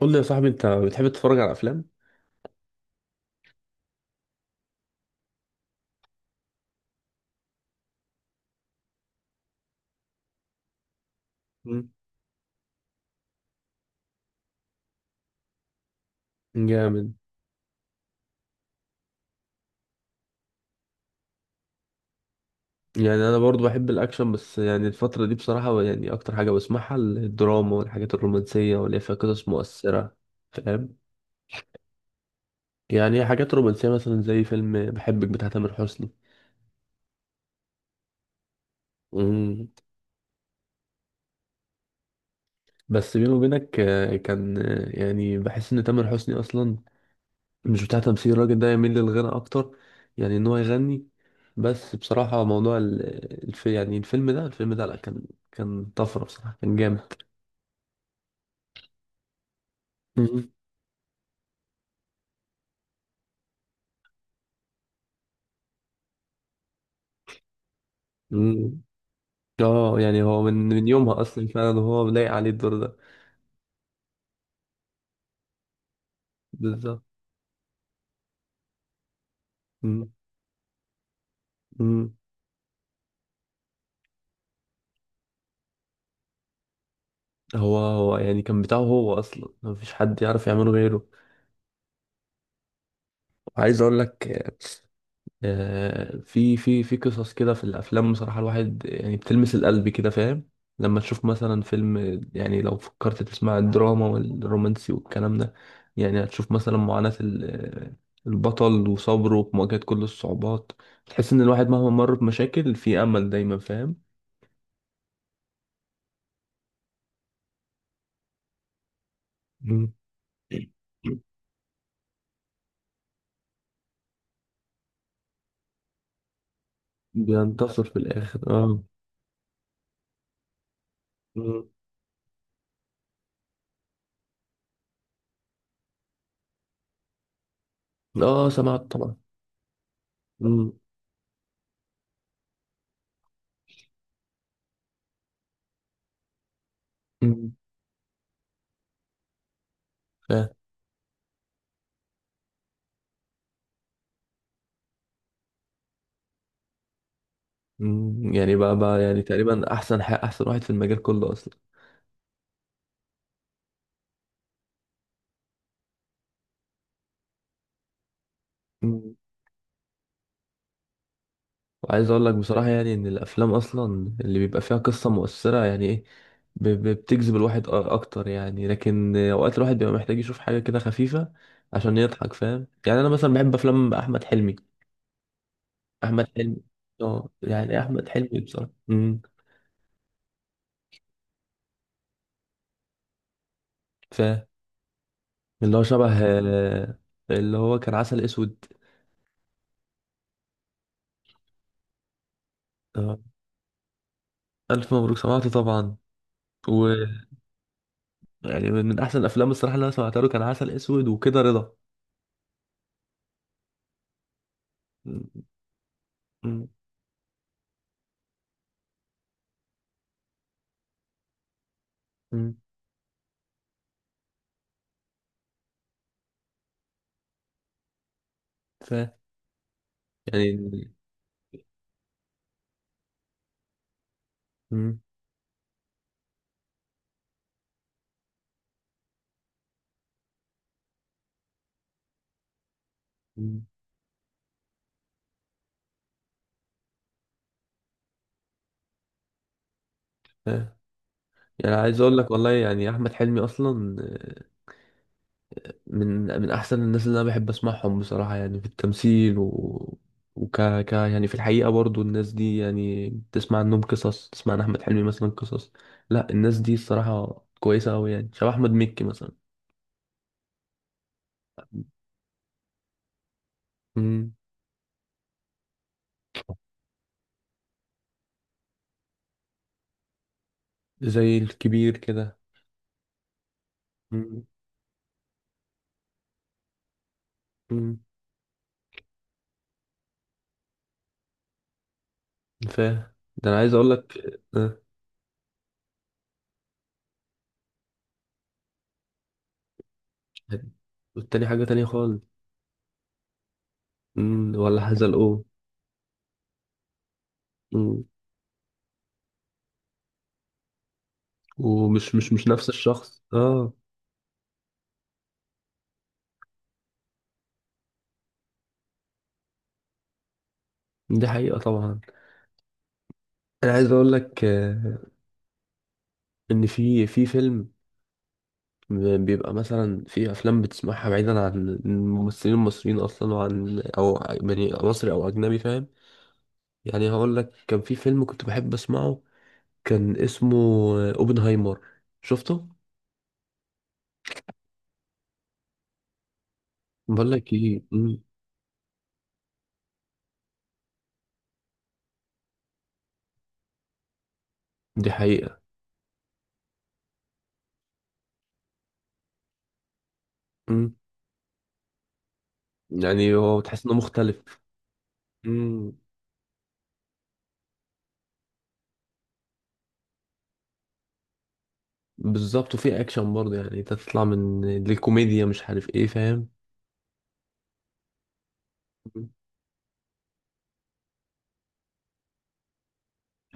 قول لي يا صاحبي، انت بتحب تتفرج على افلام؟ مم. جامد. يعني انا برضو بحب الاكشن، بس يعني الفتره دي بصراحه، يعني اكتر حاجه بسمعها الدراما والحاجات الرومانسيه واللي هي فيها قصص مؤثره. فاهم؟ يعني هي حاجات رومانسيه، مثلا زي فيلم بحبك بتاع تامر حسني. امم. بس بيني وبينك، كان، يعني بحس ان تامر حسني اصلا مش بتاع تمثيل، الراجل ده يميل للغنى اكتر. يعني ان هو يغني. بس بصراحه موضوع الفيلم ده، لا، كان طفره بصراحه، كان جامد. مم. مم. اه، يعني هو من يومها اصلا فعلا هو لايق عليه الدور ده. بالظبط. مم. مم. هو يعني كان بتاعه هو اصلا، مفيش حد يعرف يعمله غيره. وعايز اقول لك، في قصص كده في الافلام بصراحه، الواحد يعني بتلمس القلب كده، فاهم؟ لما تشوف مثلا فيلم، يعني لو فكرت تسمع الدراما والرومانسي والكلام ده، يعني هتشوف مثلا معاناة البطل وصبره في مواجهة كل الصعوبات. تحس ان الواحد مهما مر بمشاكل، في امل دايما، فاهم؟ مم. بينتصر في الاخر اه. مم. اه سمعت طبعا. مم. مم. فاهم. مم. يعني بقى يعني تقريبا احسن واحد في المجال كله اصلا. مم. وعايز اقول لك بصراحة، يعني ان الافلام اصلا اللي بيبقى فيها قصة مؤثرة، يعني ايه، بتجذب الواحد اكتر، يعني. لكن اوقات الواحد بيبقى محتاج يشوف حاجة كده خفيفة عشان يضحك، فاهم؟ يعني انا مثلا بحب افلام احمد حلمي. احمد حلمي. اه يعني احمد حلمي بصراحة، ف اللي هو شبه، اللي هو كان عسل اسود. آه، الف مبروك سمعته طبعا. و يعني من احسن الافلام الصراحة اللي انا سمعتها له كان عسل اسود وكده رضا. مم. مم. مم. ف يعني. مم. مم. آه. يعني عايز اقول لك والله، يعني احمد حلمي اصلا، من من احسن الناس اللي انا بحب اسمعهم بصراحه، يعني في التمثيل، و وك ك يعني في الحقيقه برضو الناس دي، يعني بتسمع عنهم قصص، تسمع عن احمد حلمي مثلا قصص. لا، الناس دي الصراحه كويسه قوي، يعني شبه احمد مكي مثلا. مم. زي الكبير كده. مم. مم. فاهم. ده انا عايز اقول لك، آه، والتاني حاجه تانية خالص. مم. ولا حزلقوه. ومش مش مش نفس الشخص اه. دي حقيقة طبعا. انا عايز اقول لك، ان في فيلم، بيبقى مثلا في افلام بتسمعها بعيدا عن الممثلين المصريين اصلا، وعن، او يعني مصري او اجنبي، فاهم؟ يعني هقول لك كان في فيلم كنت بحب اسمعه، كان اسمه، اوبنهايمر. شفته؟ بقول لك ايه، دي حقيقة. مم. يعني هو تحس انه مختلف. مم. بالظبط، وفي اكشن برضه، يعني تطلع من الكوميديا، مش عارف ايه، فاهم؟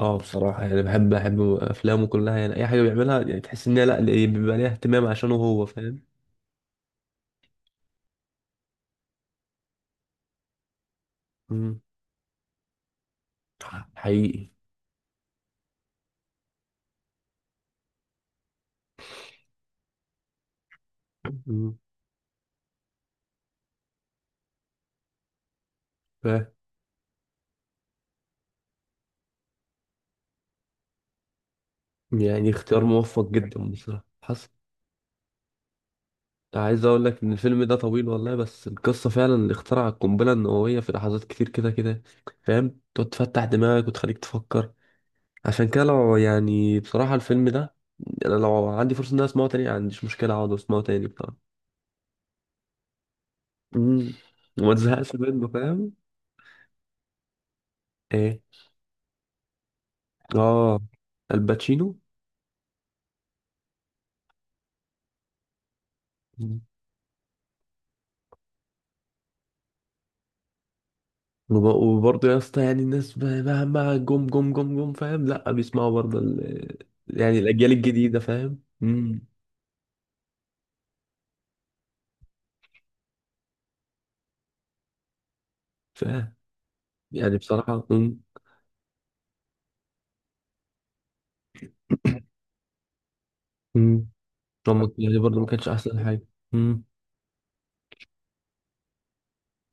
اه بصراحة يعني بحب أفلامه كلها، يعني أي حاجة بيعملها يعني تحس إن هي، لأ، اللي بيبقى ليها اهتمام عشانه هو، فاهم؟ مم. حقيقي. مم. فاهم. يعني اختيار موفق جدا بصراحة حصل. عايز أقول لك إن الفيلم ده طويل والله، بس القصة فعلا اللي اخترع القنبلة النووية، في لحظات كتير كده كده، فاهم، تقعد تفتح دماغك وتخليك تفكر. عشان كده لو، يعني بصراحة الفيلم ده، أنا لو عندي فرصة إن أنا أسمعه تاني، ما عنديش مشكلة أقعد أسمعه تاني بصراحة. مم. وما تزهقش منه، فاهم؟ ايه. اه. الباتشينو. مم. وبرضه يا اسطى، يعني الناس مهما جم جم جم جم، فاهم، لا بيسمعوا برضه ال... يعني الاجيال الجديده، فاهم؟ فاهم. يعني بصراحه. امم هم، يعني برضه ما كانش احسن حاجه. امم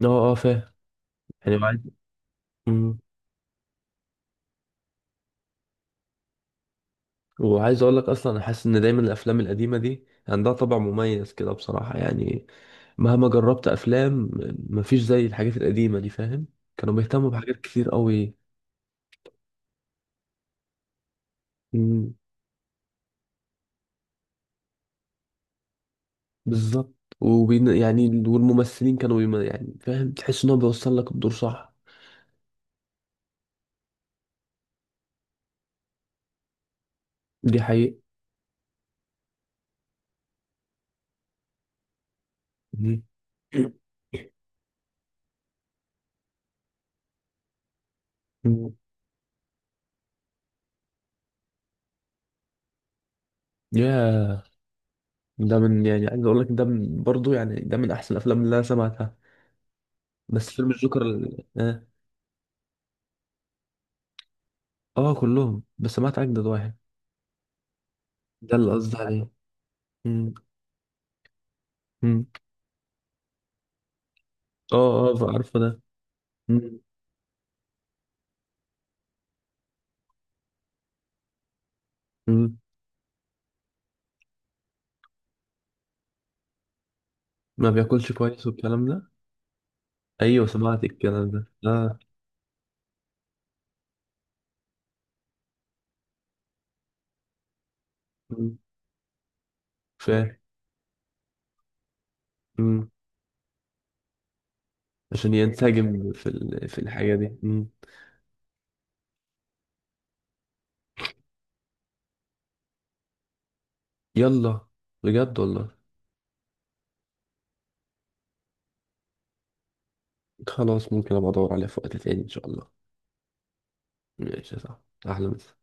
اه اه، فاهم. يعني، امم وعايز اقول لك اصلا، انا حاسس ان دايما الافلام القديمه دي عندها طابع مميز كده بصراحه، يعني مهما جربت افلام، مفيش زي الحاجات القديمه دي، فاهم، كانوا بيهتموا بحاجات كتير قوي. بالظبط. وبين، يعني والممثلين كانوا بيم... يعني فاهم، تحس ان هو بيوصل لك الدور صح. دي حقيقة. مم. مم. يا ده من، يعني عايز اقول لك ده من برضه، يعني ده من احسن الافلام اللي انا سمعتها. بس فيلم الجوكر آه كلهم، بس سمعت اجدد واحد، ده اللي قصدي عليه. مم. مم. اه اه، عارفه ده. مم. مم. ما بياكلش كويس والكلام ده. ايوه سمعت الكلام ده اه. مم. فاهم. مم. عشان ينسجم في ال... في الحاجه دي. يلا، بجد والله. خلاص، ممكن ابقى ادور عليها في وقت تاني ان شاء الله. ماشي صح. احلى مسا.